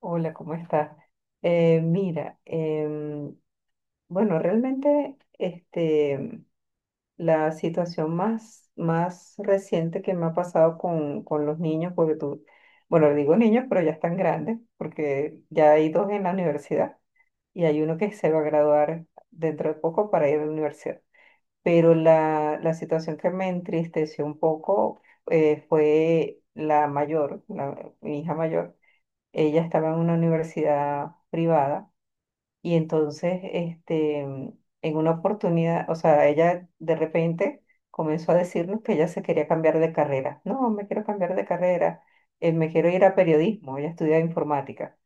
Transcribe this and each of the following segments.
Hola, ¿cómo estás? Eh, mira, em, bueno, realmente la situación más reciente que me ha pasado con los niños, porque tú, bueno, digo niños, pero ya están grandes, porque ya hay dos en la universidad y hay uno que se va a graduar dentro de poco para ir a la universidad. Pero la situación que me entristeció un poco fue la mayor, mi hija mayor, ella estaba en una universidad privada y entonces, en una oportunidad, o sea, ella de repente comenzó a decirnos que ella se quería cambiar de carrera. No, me quiero cambiar de carrera, me quiero ir a periodismo, ella estudia informática.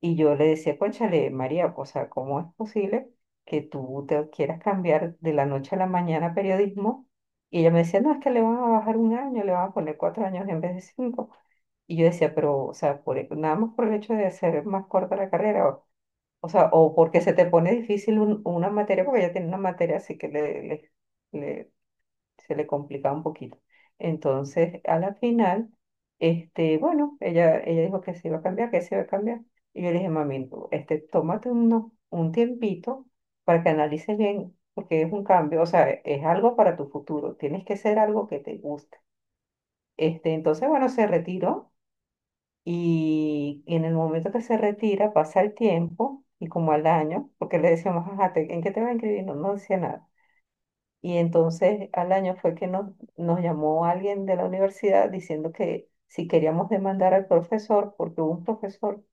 Y yo le decía, cónchale, María, o sea, ¿cómo es posible que tú te quieras cambiar de la noche a la mañana a periodismo? Y ella me decía, no, es que le van a bajar un año, le van a poner 4 años en vez de 5. Y yo decía, pero, o sea, nada más por el hecho de hacer más corta la carrera, o sea, o porque se te pone difícil una materia, porque ella tiene una materia así que le- se le complicaba un poquito. Entonces, a la final, bueno, ella dijo que se iba a cambiar, que se iba a cambiar. Y yo le dije, mami, tú, tómate un tiempito para que analices bien, porque es un cambio, o sea, es algo para tu futuro, tienes que ser algo que te guste. Entonces, bueno, se retiró, y en el momento que se retira, pasa el tiempo y como al año, porque le decíamos, ajá, ¿en qué te va a inscribir? No, no decía nada. Y entonces al año fue que nos llamó alguien de la universidad diciendo que si queríamos demandar al profesor, porque hubo un profesor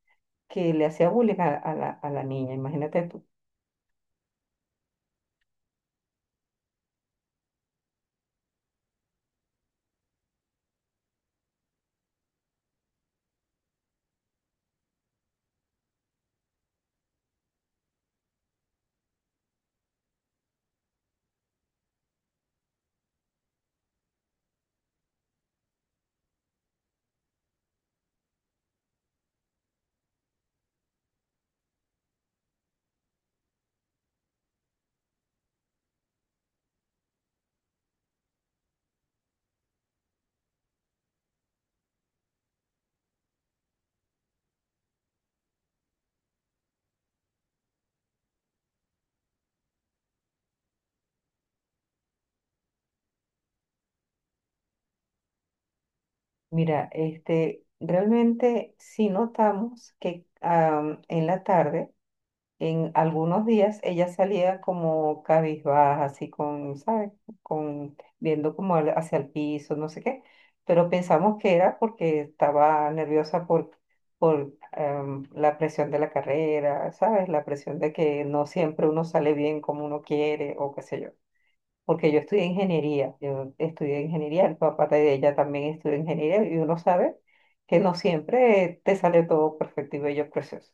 que le hacía bullying a la niña, imagínate tú. Mira, realmente sí notamos que en la tarde, en algunos días ella salía como cabizbaja, así con, ¿sabes? Con, viendo como hacia el piso, no sé qué, pero pensamos que era porque estaba nerviosa por la presión de la carrera, ¿sabes? La presión de que no siempre uno sale bien como uno quiere o qué sé yo. Porque yo estudié ingeniería, el papá de ella también estudió ingeniería y uno sabe que no siempre te sale todo perfecto y bello, precioso.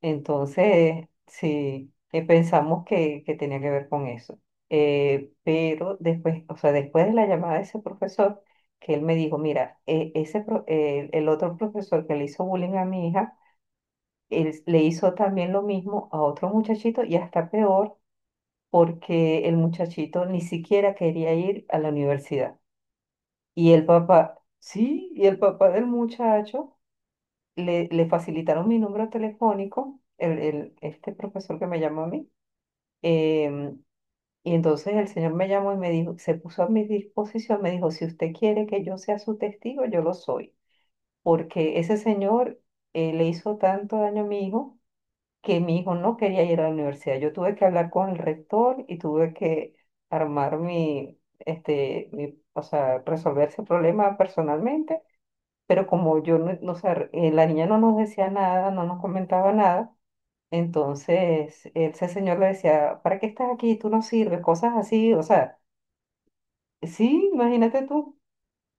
Entonces, sí, pensamos que tenía que ver con eso. Pero después, o sea, después de la llamada de ese profesor, que él me dijo, mira, el otro profesor que le hizo bullying a mi hija, él le hizo también lo mismo a otro muchachito y hasta peor, porque el muchachito ni siquiera quería ir a la universidad. Y el papá, sí, y el papá del muchacho le facilitaron mi número telefónico, este profesor que me llamó a mí. Em, y entonces el Señor me llamó y me dijo, se puso a mi disposición, me dijo, si usted quiere que yo sea su testigo, yo lo soy, porque ese señor le hizo tanto daño a mi hijo que mi hijo no quería ir a la universidad. Yo tuve que hablar con el rector y tuve que armar mi, o sea, resolver ese problema personalmente, pero como yo no, no, o sea, la niña no nos decía nada, no nos comentaba nada. Entonces, ese señor le decía, ¿para qué estás aquí? Tú no sirves, cosas así, o sea, sí, imagínate tú,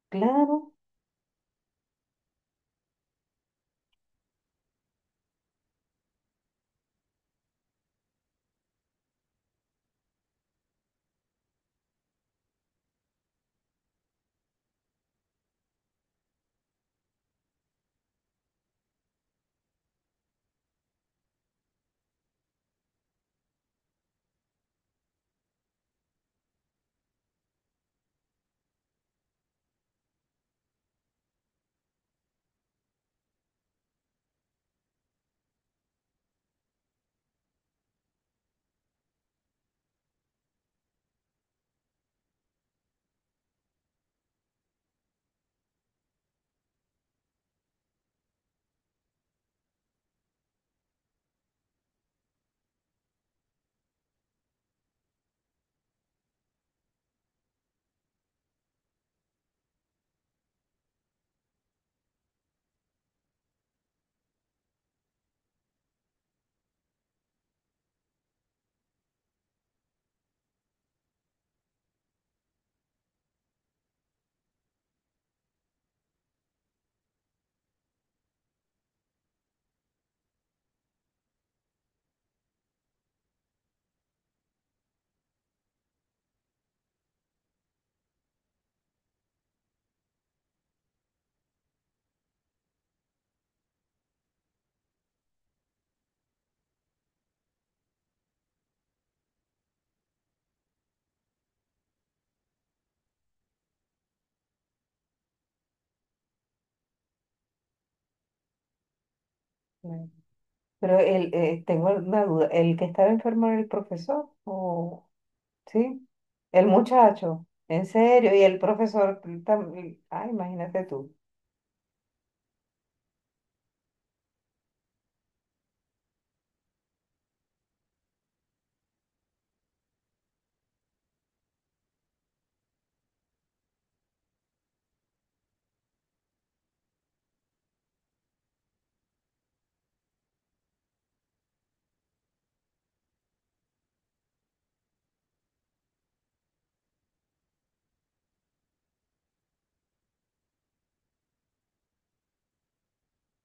claro. Claro, pero el, tengo una duda, ¿el que estaba enfermo era el profesor? ¿O sí? El muchacho, en serio, y el profesor ay, imagínate tú,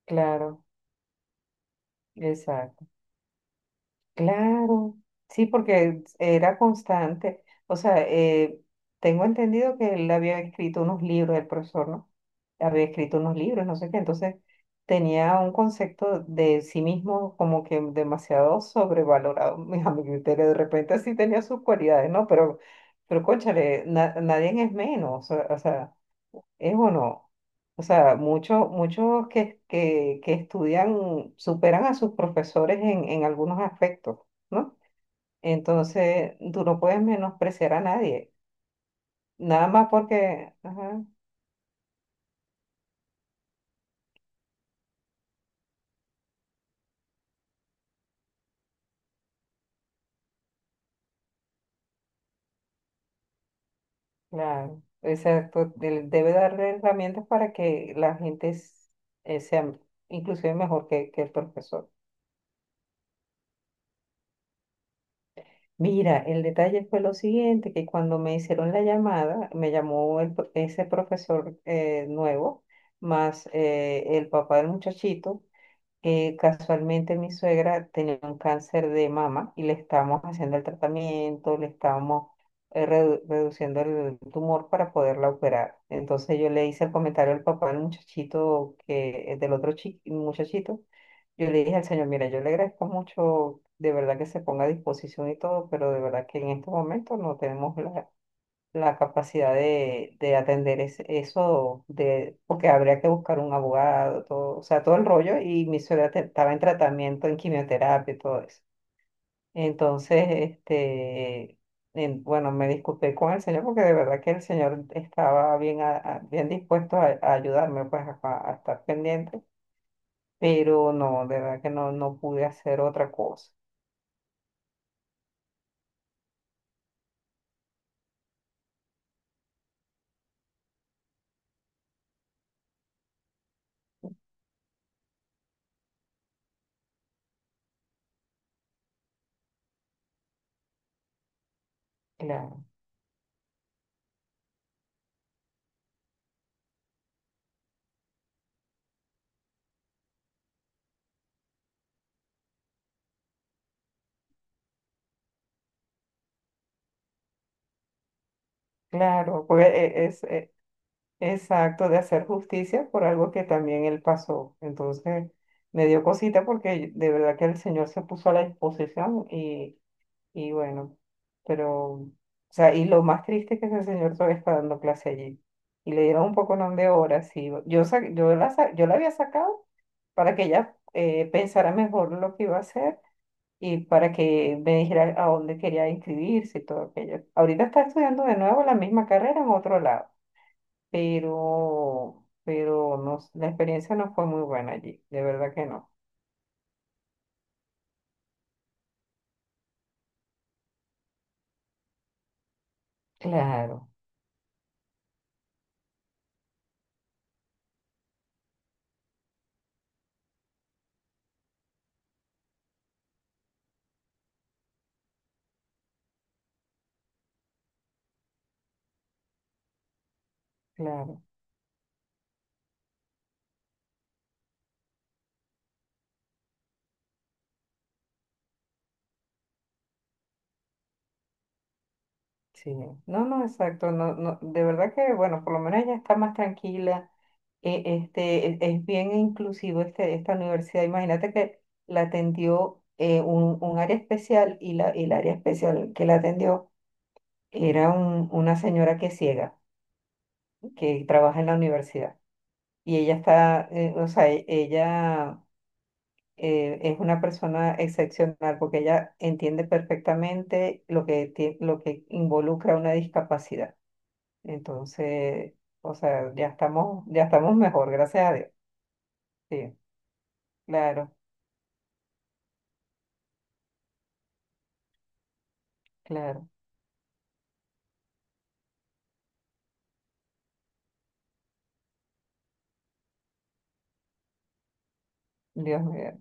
claro, exacto. Claro, sí, porque era constante. O sea, tengo entendido que él había escrito unos libros, el profesor, ¿no? Había escrito unos libros, no sé qué. Entonces tenía un concepto de sí mismo como que demasiado sobrevalorado. A mi criterio, de repente sí tenía sus cualidades, ¿no? Pero cónchale, nadie es menos. O sea, es o no. O sea, muchos que estudian superan a sus profesores en algunos aspectos, ¿no? Entonces, tú no puedes menospreciar a nadie, nada más porque, ajá, claro, exacto, debe darle herramientas para que la gente sea inclusive mejor que el profesor. Mira, el detalle fue lo siguiente, que cuando me hicieron la llamada, me llamó ese profesor nuevo, más el papá del muchachito, casualmente mi suegra tenía un cáncer de mama y le estábamos haciendo el tratamiento, le estábamos reduciendo el tumor para poderla operar. Entonces yo le hice el comentario al papá del muchachito, del otro muchachito, yo le dije al señor, mira, yo le agradezco mucho, de verdad que se ponga a disposición y todo, pero de verdad que en este momento no tenemos la capacidad de atender eso, de, porque habría que buscar un abogado, todo, o sea, todo el rollo, y mi suegra estaba en tratamiento, en quimioterapia y todo eso. Entonces, bueno, me disculpé con el señor porque de verdad que el señor estaba bien, bien dispuesto a, pues, a estar pendiente, pero no, de verdad que no, no pude hacer otra cosa. Claro, claro, porque e- es, e, exacto, de hacer justicia por algo que también él pasó. Entonces, me dio cosita porque de verdad que el Señor se puso a la disposición y bueno, pero, o sea, y lo más triste es que el Señor todavía está dando clase allí. Y le dieron un poco de horas y yo, sa- yo la había sacado para que ella pensara mejor lo que iba a hacer, y para que me dijera a dónde quería inscribirse y todo aquello. Ahorita está estudiando de nuevo la misma carrera en otro lado, pero no, la experiencia no fue muy buena allí, de verdad que no. Claro, claro, sí. No, exacto, no, no, de verdad que, bueno, por lo menos ella está más tranquila. Es bien inclusivo esta universidad. Imagínate que la atendió un área especial y la, y el área especial que la atendió era una señora que es ciega, que trabaja en la universidad. Y ella está, ella es una persona excepcional porque ella entiende perfectamente lo que, lo que involucra una discapacidad. Entonces, o sea, ya estamos mejor, gracias a Dios. Sí, claro, claro. Dios mío.